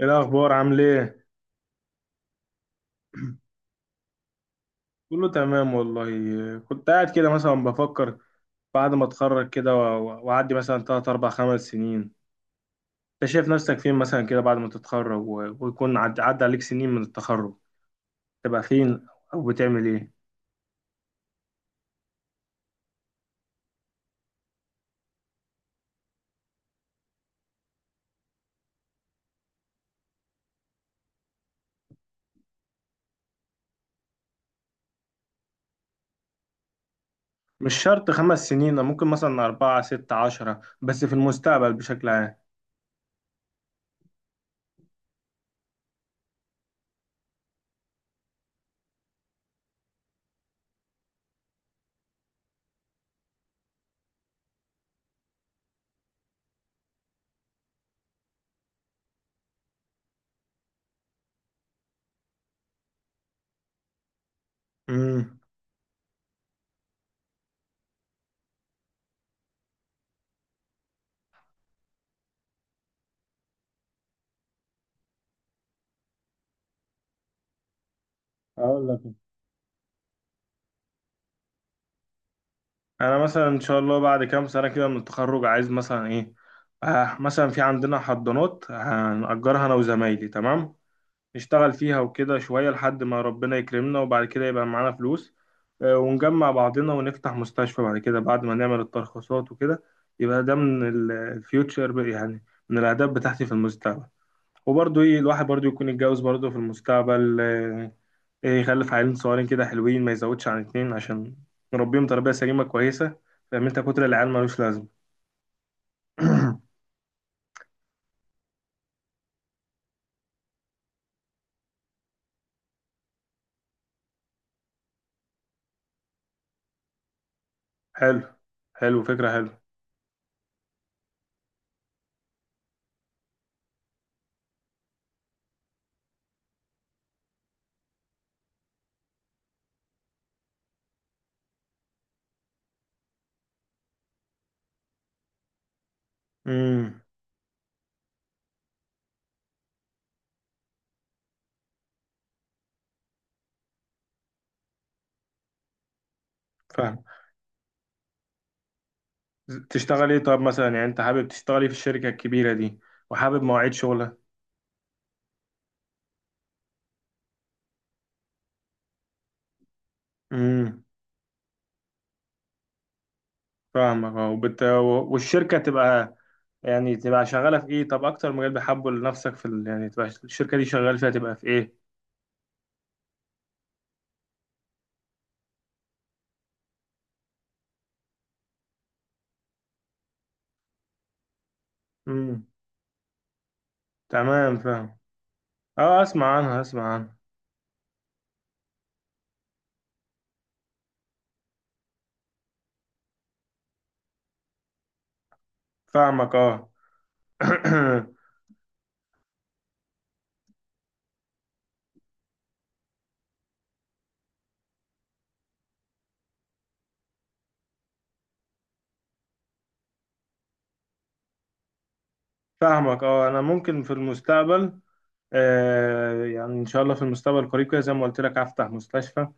ايه الاخبار؟ عامل ايه؟ كله تمام والله، كنت قاعد كده مثلا بفكر بعد ما اتخرج كده واعدي مثلا 3 4 5 سنين. انت شايف نفسك فين مثلا كده بعد ما تتخرج ويكون عدى عليك سنين من التخرج؟ تبقى فين؟ او بتعمل ايه؟ مش شرط خمس سنين، ممكن مثلا أربعة ستة عشرة، بس في المستقبل بشكل عام. امم اقول لك. انا مثلا ان شاء الله بعد كام سنه كده من التخرج عايز مثلا ايه، مثلا في عندنا حضانات هنأجرها انا وزمايلي، تمام؟ نشتغل فيها وكده شوية لحد ما ربنا يكرمنا، وبعد كده يبقى معانا فلوس، ونجمع بعضنا ونفتح مستشفى بعد كده، بعد ما نعمل الترخيصات وكده. يبقى ده من الفيوتشر يعني، من الأهداف بتاعتي في المستقبل. وبرضه إيه، الواحد برضه يكون يتجوز برضه في المستقبل، إيه، يخلف عيالين صغيرين كده حلوين، ما يزودش عن اتنين عشان نربيهم تربية سليمة كويسة. فاهم أنت؟ كتر العيال ملوش لازمة. حلو. حلو، فكرة حلوة. امم. فاهم. تشتغل ايه؟ طب مثلا يعني انت حابب تشتغل ايه في الشركة الكبيرة دي؟ وحابب مواعيد شغلها؟ امم. فاهمك، اه. والشركة تبقى يعني تبقى شغالة في ايه؟ طب اكتر مجال بحبه لنفسك يعني تبقى الشركة دي شغال فيها تبقى في ايه؟ امم. تمام، فاهم. اه، اسمع عنها، اسمع عنها. فاهمك، اه. فاهمك، اه. انا ممكن في المستقبل، يعني ان شاء الله في المستقبل القريب كده زي ما قلت لك هفتح مستشفى،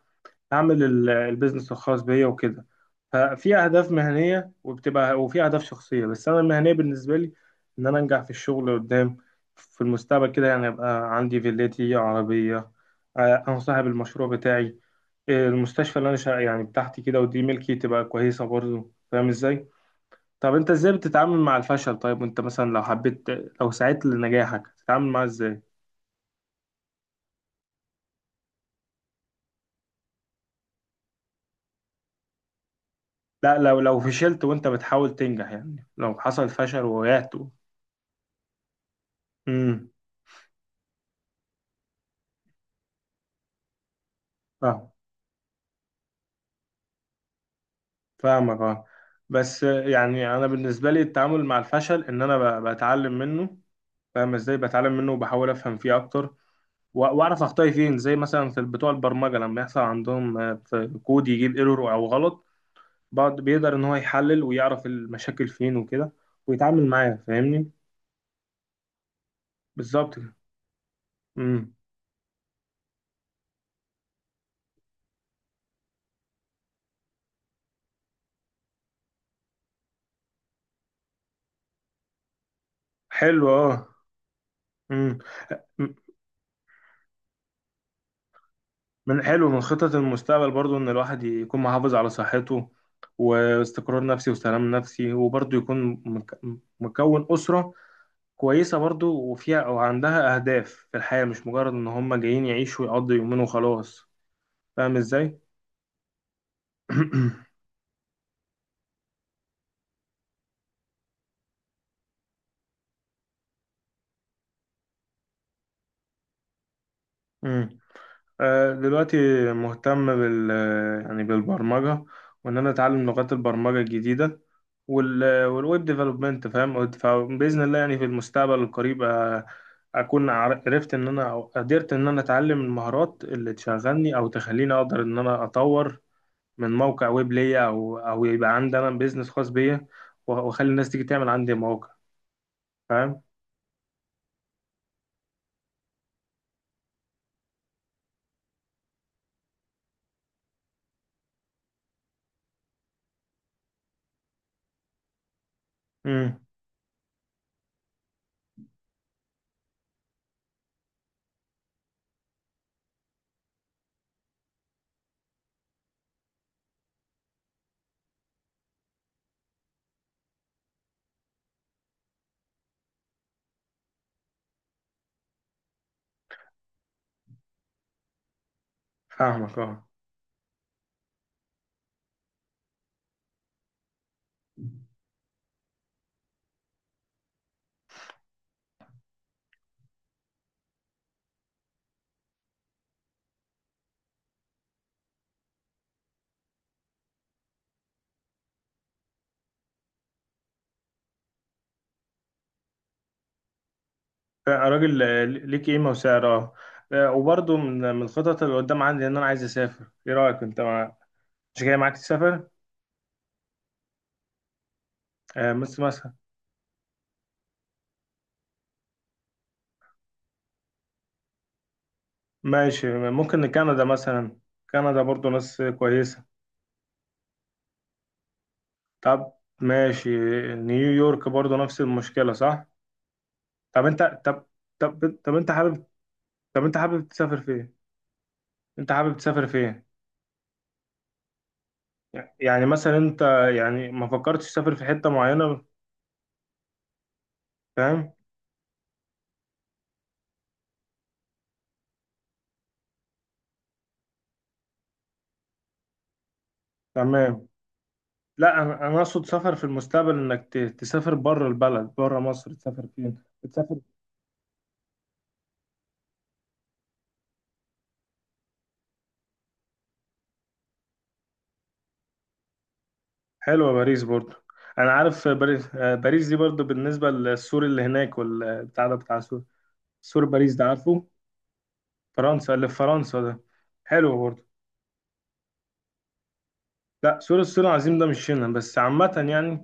اعمل البيزنس الخاص بيا وكده. ففي اهداف مهنيه وبتبقى وفي اهداف شخصيه. بس انا المهنيه بالنسبه لي ان انا انجح في الشغل قدام، في المستقبل كده يعني ابقى عندي فيلتي عربيه، انا صاحب المشروع بتاعي، المستشفى اللي انا يعني بتاعتي كده، ودي ملكي، تبقى كويسه برضه. فاهم ازاي؟ طب انت ازاي بتتعامل مع الفشل؟ طيب وانت مثلا لو حبيت، لو سعيت لنجاحك تتعامل معاه ازاي؟ لا، لو فشلت وانت بتحاول تنجح، يعني لو حصل فشل ووقعت امم. فاهم. فاهمك، اه. بس يعني انا بالنسبه لي التعامل مع الفشل ان انا بتعلم منه. فاهم ازاي؟ بتعلم منه وبحاول افهم فيه اكتر، واعرف اخطائي فين، زي مثلا في بتوع البرمجه لما يحصل عندهم في كود يجيب ايرور او غلط، بعد بيقدر ان هو يحلل ويعرف المشاكل فين وكده، ويتعامل معاها. فاهمني؟ بالظبط كده. امم. حلو، اه. امم. من حلو، من خطط المستقبل برضو ان الواحد يكون محافظ على صحته، واستقرار نفسي وسلام نفسي، وبرضو يكون مكون أسرة كويسة برضو، وفيها او عندها اهداف في الحياة، مش مجرد ان هم جايين يعيشوا ويقضوا يومين وخلاص. فاهم ازاي؟ مم. دلوقتي مهتم يعني بالبرمجة، وإن أنا أتعلم لغات البرمجة الجديدة، والويب ديفلوبمنت. فاهم؟ فبإذن الله يعني في المستقبل القريب، أكون عرفت إن أنا، أو قدرت إن أنا أتعلم المهارات اللي تشغلني أو تخليني أقدر إن أنا أطور من موقع ويب ليا، أو يبقى عندي أنا بيزنس خاص بيا، وأخلي الناس تيجي تعمل عندي موقع. فاهم؟ امم. فاهمك، أه. راجل، ليك قيمة وسعر، اه. وبرضه من الخطط اللي قدام عندي ان انا عايز اسافر. ايه رأيك انت مع...؟ مش جاي معاك تسافر؟ بس مثلا، ماشي. ممكن كندا مثلا، كندا برضه ناس كويسة. طب، ماشي. نيويورك برضه نفس المشكلة، صح؟ طب انت طب طب انت حابب طب انت حابب تسافر فين؟ انت حابب تسافر فين؟ يعني مثلا انت، يعني ما فكرتش تسافر في حتة معينة؟ فاهم؟ تمام. لا، انا اقصد سفر في المستقبل، انك تسافر بره البلد، بره مصر تسافر فين؟ تسافر. حلوه باريس برضو. انا عارف باريس، باريس دي برضو بالنسبه للسور اللي هناك والبتاع ده بتاع سور. سور باريس ده، عارفه؟ فرنسا اللي في فرنسا ده، حلو برضو. لا، سور الصين العظيم ده مش هنا، بس عامه يعني.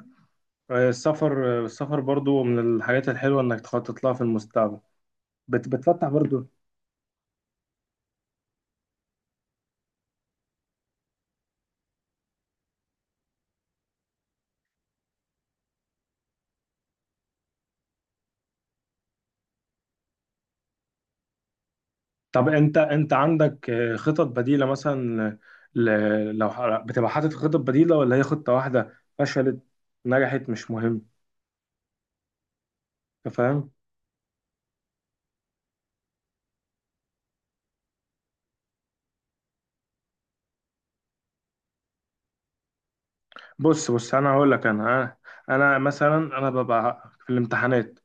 السفر برضو من الحاجات الحلوه انك تخطط لها في المستقبل، بتفتح برضو. طب انت عندك خطط بديلة مثلا؟ ل... لو بتبقى حاطط خطط بديلة، ولا هي خطة واحدة، فشلت نجحت مش مهم؟ انت فاهم؟ بص انا هقول لك. انا انا مثلا انا ببقى في الامتحانات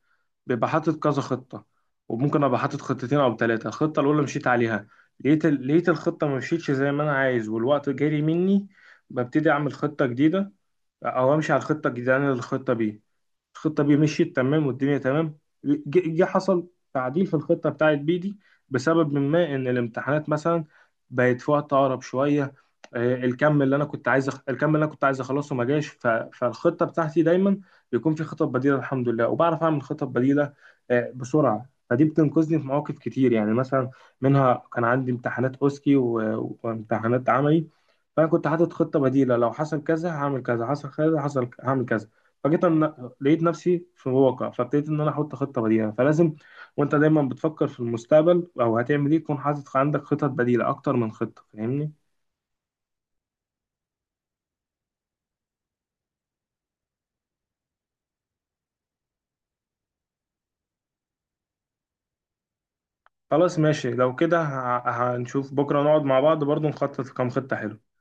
بيبقى حاطط كذا خطة، وممكن ابقى حاطط خطتين او ثلاثة. الخطة الاولى مشيت عليها، لقيت الخطة ما مشيتش زي ما انا عايز، والوقت جري مني، ببتدي اعمل خطة جديدة، او امشي على الخطة الجديدة. اللي انا الخطة بيه، الخطه بي مشيت تمام والدنيا تمام، جه جه حصل تعديل في الخطه بتاعت بي دي، بسبب ما ان الامتحانات مثلا بقت في وقت اقرب شويه، الكم اللي انا كنت عايز اخلصه ما جاش، فالخطه بتاعتي دايما بيكون في خطط بديله الحمد لله، وبعرف اعمل خطط بديله بسرعه، فدي بتنقذني في مواقف كتير. يعني مثلا منها كان عندي امتحانات اوسكي وامتحانات عملي، فانا كنت حاطط خطه بديله، لو حصل كذا هعمل كذا، حصل كذا، حصل هعمل كذا، فجيت لقيت نفسي في واقع، فابتديت ان انا احط خطه بديله فلازم. وانت دايما بتفكر في المستقبل او هتعمل ايه، تكون حاطط عندك خطط بديله اكتر من خطه، فاهمني؟ خلاص ماشي، لو كده هنشوف بكره نقعد مع بعض برضو نخطط كام خطه حلوه.